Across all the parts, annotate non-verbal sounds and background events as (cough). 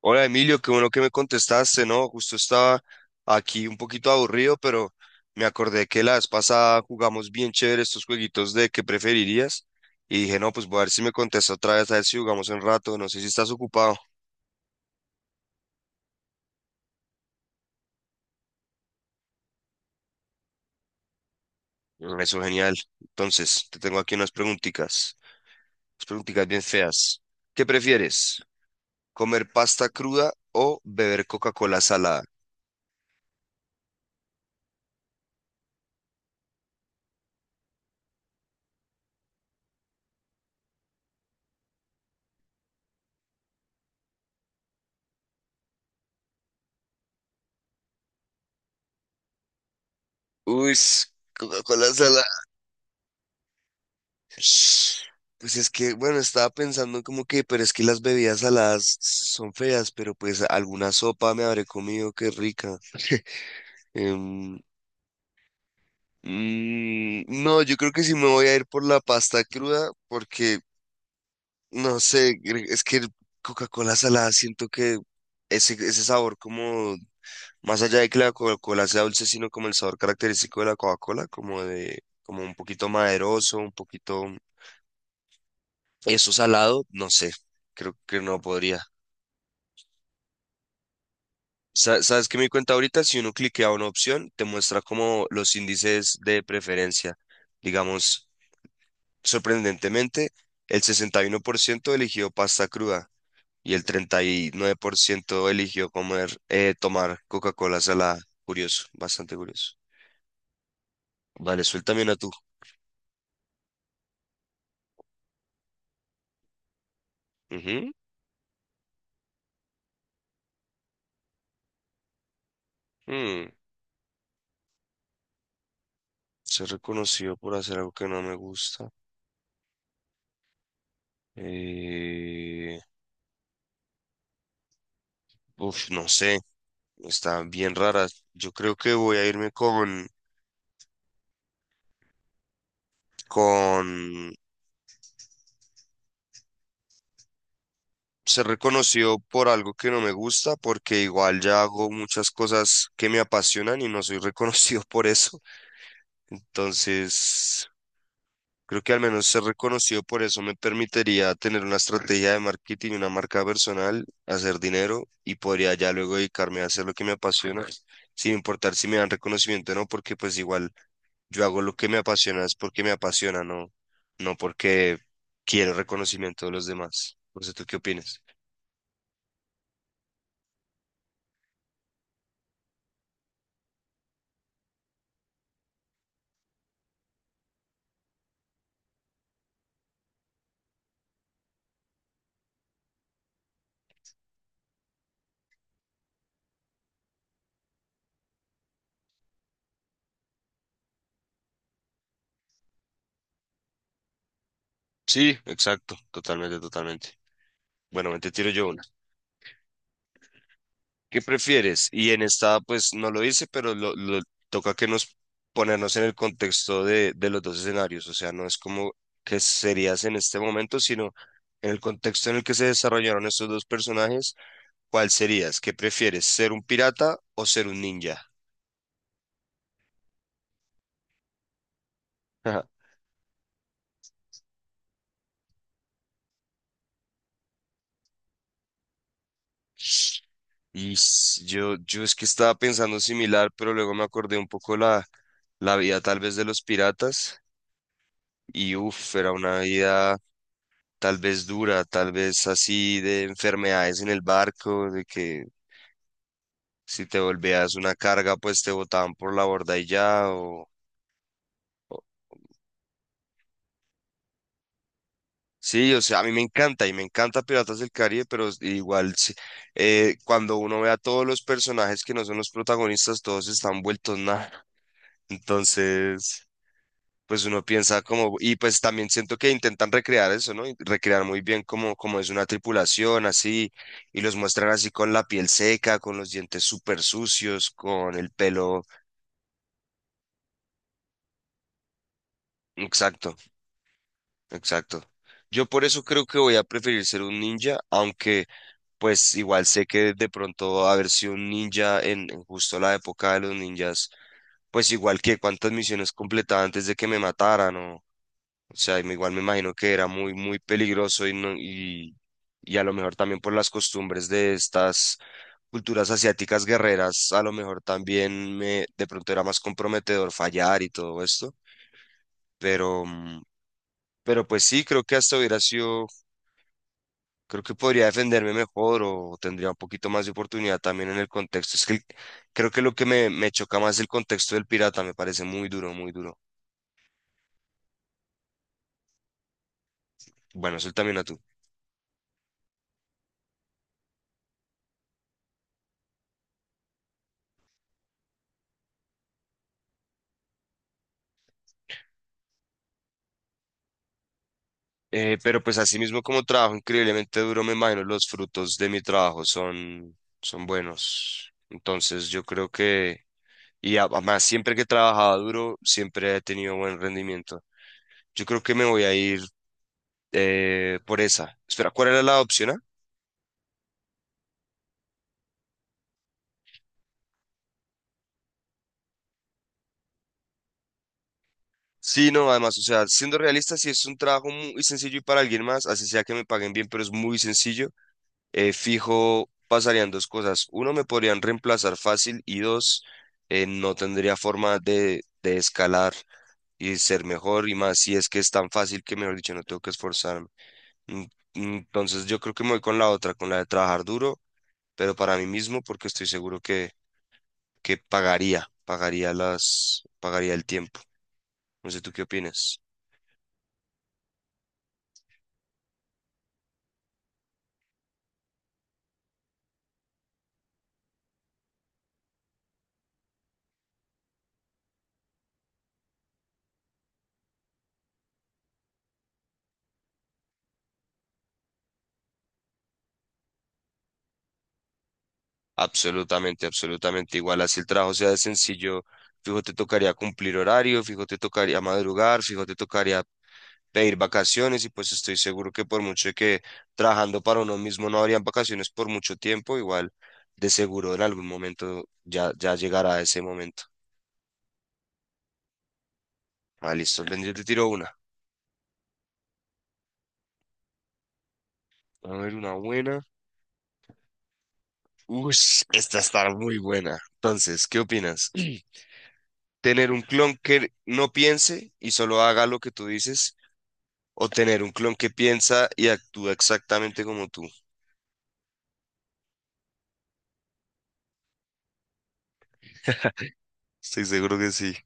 Hola Emilio, qué bueno que me contestaste, ¿no? Justo estaba aquí un poquito aburrido, pero me acordé que la vez pasada jugamos bien chévere estos jueguitos de qué preferirías y dije, no, pues voy a ver si me contesta otra vez, a ver si jugamos un rato, no sé si estás ocupado. Eso genial. Entonces, te tengo aquí unas preguntitas bien feas. ¿Qué prefieres? ¿Comer pasta cruda o beber Coca-Cola salada? Uy, Coca-Cola salada. Pues es que, bueno, estaba pensando como que, pero es que las bebidas saladas son feas, pero pues alguna sopa me habré comido, qué rica. Em, no, yo creo que sí me voy a ir por la pasta cruda, porque, no sé, es que el Coca-Cola salada siento que ese sabor como, más allá de que la Coca-Cola sea dulce, sino como el sabor característico de la Coca-Cola, como de, como un poquito maderoso, un poquito eso salado, no sé, creo que no podría. ¿Sabes qué me di cuenta ahorita? Si uno cliquea una opción, te muestra como los índices de preferencia. Digamos, sorprendentemente, el 61% eligió pasta cruda y el 39% eligió tomar Coca-Cola salada. Curioso, bastante curioso. Vale, suéltame una tú. Ujú. Mm, Ser reconocido por hacer algo que no me gusta. Eh, uf, no sé, está bien rara. Yo creo que voy a irme con se reconoció por algo que no me gusta, porque igual ya hago muchas cosas que me apasionan y no soy reconocido (laughs) por eso. Entonces, creo que al menos ser reconocido por eso me permitiría tener una estrategia de marketing, una marca personal, hacer dinero y podría ya luego dedicarme a hacer lo que me apasiona. Sin importar si me dan reconocimiento o no, porque pues igual yo hago lo que me apasiona, es porque me apasiona, no, no porque quiero reconocimiento de los demás. No sé, ¿tú qué opinas? Sí, exacto, totalmente, totalmente. Bueno, te tiro yo una. ¿Qué prefieres? Y en esta, pues no lo hice, pero toca que nos ponernos en el contexto de los dos escenarios. O sea, no es como que serías en este momento, sino en el contexto en el que se desarrollaron estos dos personajes, ¿cuál serías? ¿Qué prefieres? ¿Ser un pirata o ser un ninja? (laughs) Ajá. Y yo es que estaba pensando similar, pero luego me acordé un poco la vida tal vez de los piratas. Y uff, era una vida tal vez dura, tal vez así de enfermedades en el barco, de que si te volvías una carga, pues te botaban por la borda y ya, o- Sí, o sea, a mí me encanta y me encanta Piratas del Caribe, pero igual sí, cuando uno ve a todos los personajes que no son los protagonistas, todos están vueltos nada. (laughs) Entonces, pues uno piensa como, y pues también siento que intentan recrear eso, ¿no? Y recrear muy bien como es una tripulación, así, y los muestran así con la piel seca, con los dientes súper sucios, con el pelo. Exacto, exacto. Yo por eso creo que voy a preferir ser un ninja, aunque pues igual sé que de pronto haber sido un ninja en justo la época de los ninjas, pues igual que cuántas misiones completaba antes de que me mataran. O sea, y igual me imagino que era muy, muy peligroso y, no, y a lo mejor también por las costumbres de estas culturas asiáticas guerreras, a lo mejor también me, de pronto era más comprometedor fallar y todo esto. Pero, mm, pero pues sí, creo que hasta hubiera sido, creo que podría defenderme mejor o tendría un poquito más de oportunidad también en el contexto. Es que creo que lo que me choca más es el contexto del pirata, me parece muy duro, muy duro. Bueno, suéltame una tú. Pero pues así mismo como trabajo increíblemente duro, me imagino los frutos de mi trabajo son buenos. Entonces yo creo que, y además siempre que he trabajado duro, siempre he tenido buen rendimiento. Yo creo que me voy a ir por esa. Espera, ¿cuál era la opción A? Sí, no, además, o sea, siendo realista, si es un trabajo muy sencillo y para alguien más, así sea que me paguen bien, pero es muy sencillo. Fijo pasarían dos cosas. Uno, me podrían reemplazar fácil y dos, no tendría forma de escalar y ser mejor y más si es que es tan fácil que, mejor dicho, no tengo que esforzarme. Mm, Entonces yo creo que me voy con la otra, con la de trabajar duro, pero para mí mismo porque estoy seguro que pagaría el tiempo. No sé tú qué opinas. Absolutamente, absolutamente igual. Así el trabajo sea de sencillo, fijo te tocaría cumplir horario, fijo te tocaría madrugar, fijo te tocaría pedir vacaciones y pues estoy seguro que por mucho que trabajando para uno mismo no habrían vacaciones por mucho tiempo, igual de seguro en algún momento ya, ya llegará ese momento. Ah, listo, ven, yo te tiro una. A ver, una buena. Uy, esta está muy buena. Entonces, ¿qué opinas? (clears throat) ¿Tener un clon que no piense y solo haga lo que tú dices? ¿O tener un clon que piensa y actúa exactamente como tú? Estoy seguro que sí.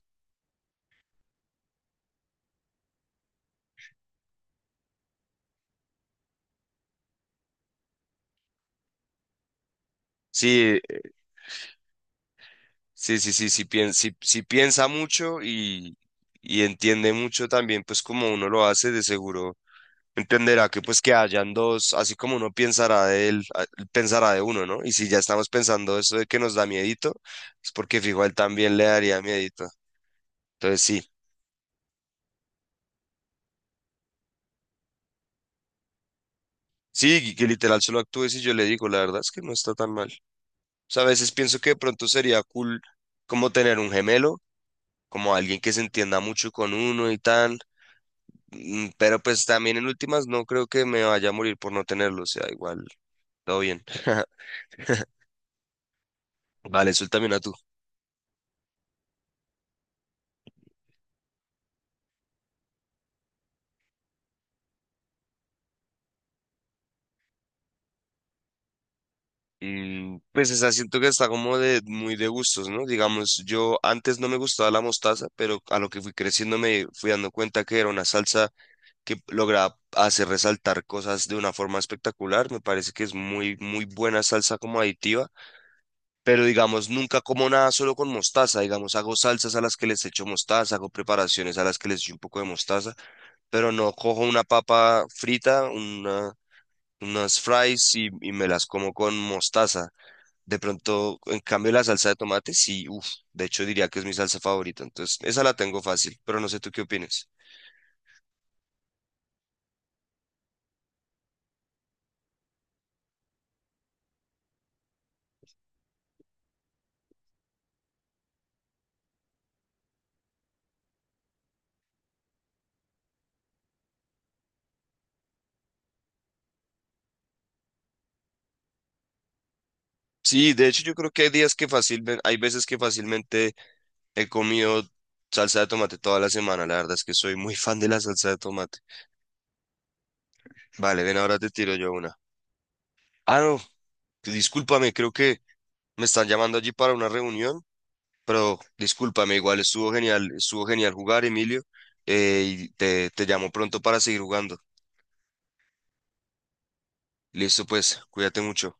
Sí, sí, sí, sí, sí, sí piensa mucho y entiende mucho también, pues como uno lo hace, de seguro entenderá que pues que hayan dos, así como uno pensará de él, él pensará de uno, ¿no? Y si ya estamos pensando eso de que nos da miedito, es porque fijo, a él también le daría miedito. Entonces sí, sí, que literal solo actúe si yo le digo, la verdad es que no está tan mal. O sea, a veces pienso que de pronto sería cool como tener un gemelo, como alguien que se entienda mucho con uno y tal. Pero pues también en últimas no creo que me vaya a morir por no tenerlo, o sea, igual, todo bien. (laughs) Vale, también a tú. Pues esa siento que está como de muy de gustos, ¿no? Digamos, yo antes no me gustaba la mostaza, pero a lo que fui creciendo me fui dando cuenta que era una salsa que lograba hacer resaltar cosas de una forma espectacular. Me parece que es muy, muy buena salsa como aditiva, pero digamos, nunca como nada solo con mostaza. Digamos, hago salsas a las que les echo mostaza, hago preparaciones a las que les echo un poco de mostaza pero no cojo una papa frita, unas fries y me las como con mostaza. De pronto, en cambio, la salsa de tomate, sí, uff, de hecho diría que es mi salsa favorita, entonces esa la tengo fácil, pero no sé tú qué opinas. Sí, de hecho yo creo que hay días que fácilmente, hay veces que fácilmente he comido salsa de tomate toda la semana, la verdad es que soy muy fan de la salsa de tomate. Vale, ven, ahora te tiro yo una. Ah, no, discúlpame, creo que me están llamando allí para una reunión. Pero discúlpame, igual estuvo genial jugar, Emilio, y te llamo pronto para seguir jugando. Listo, pues, cuídate mucho.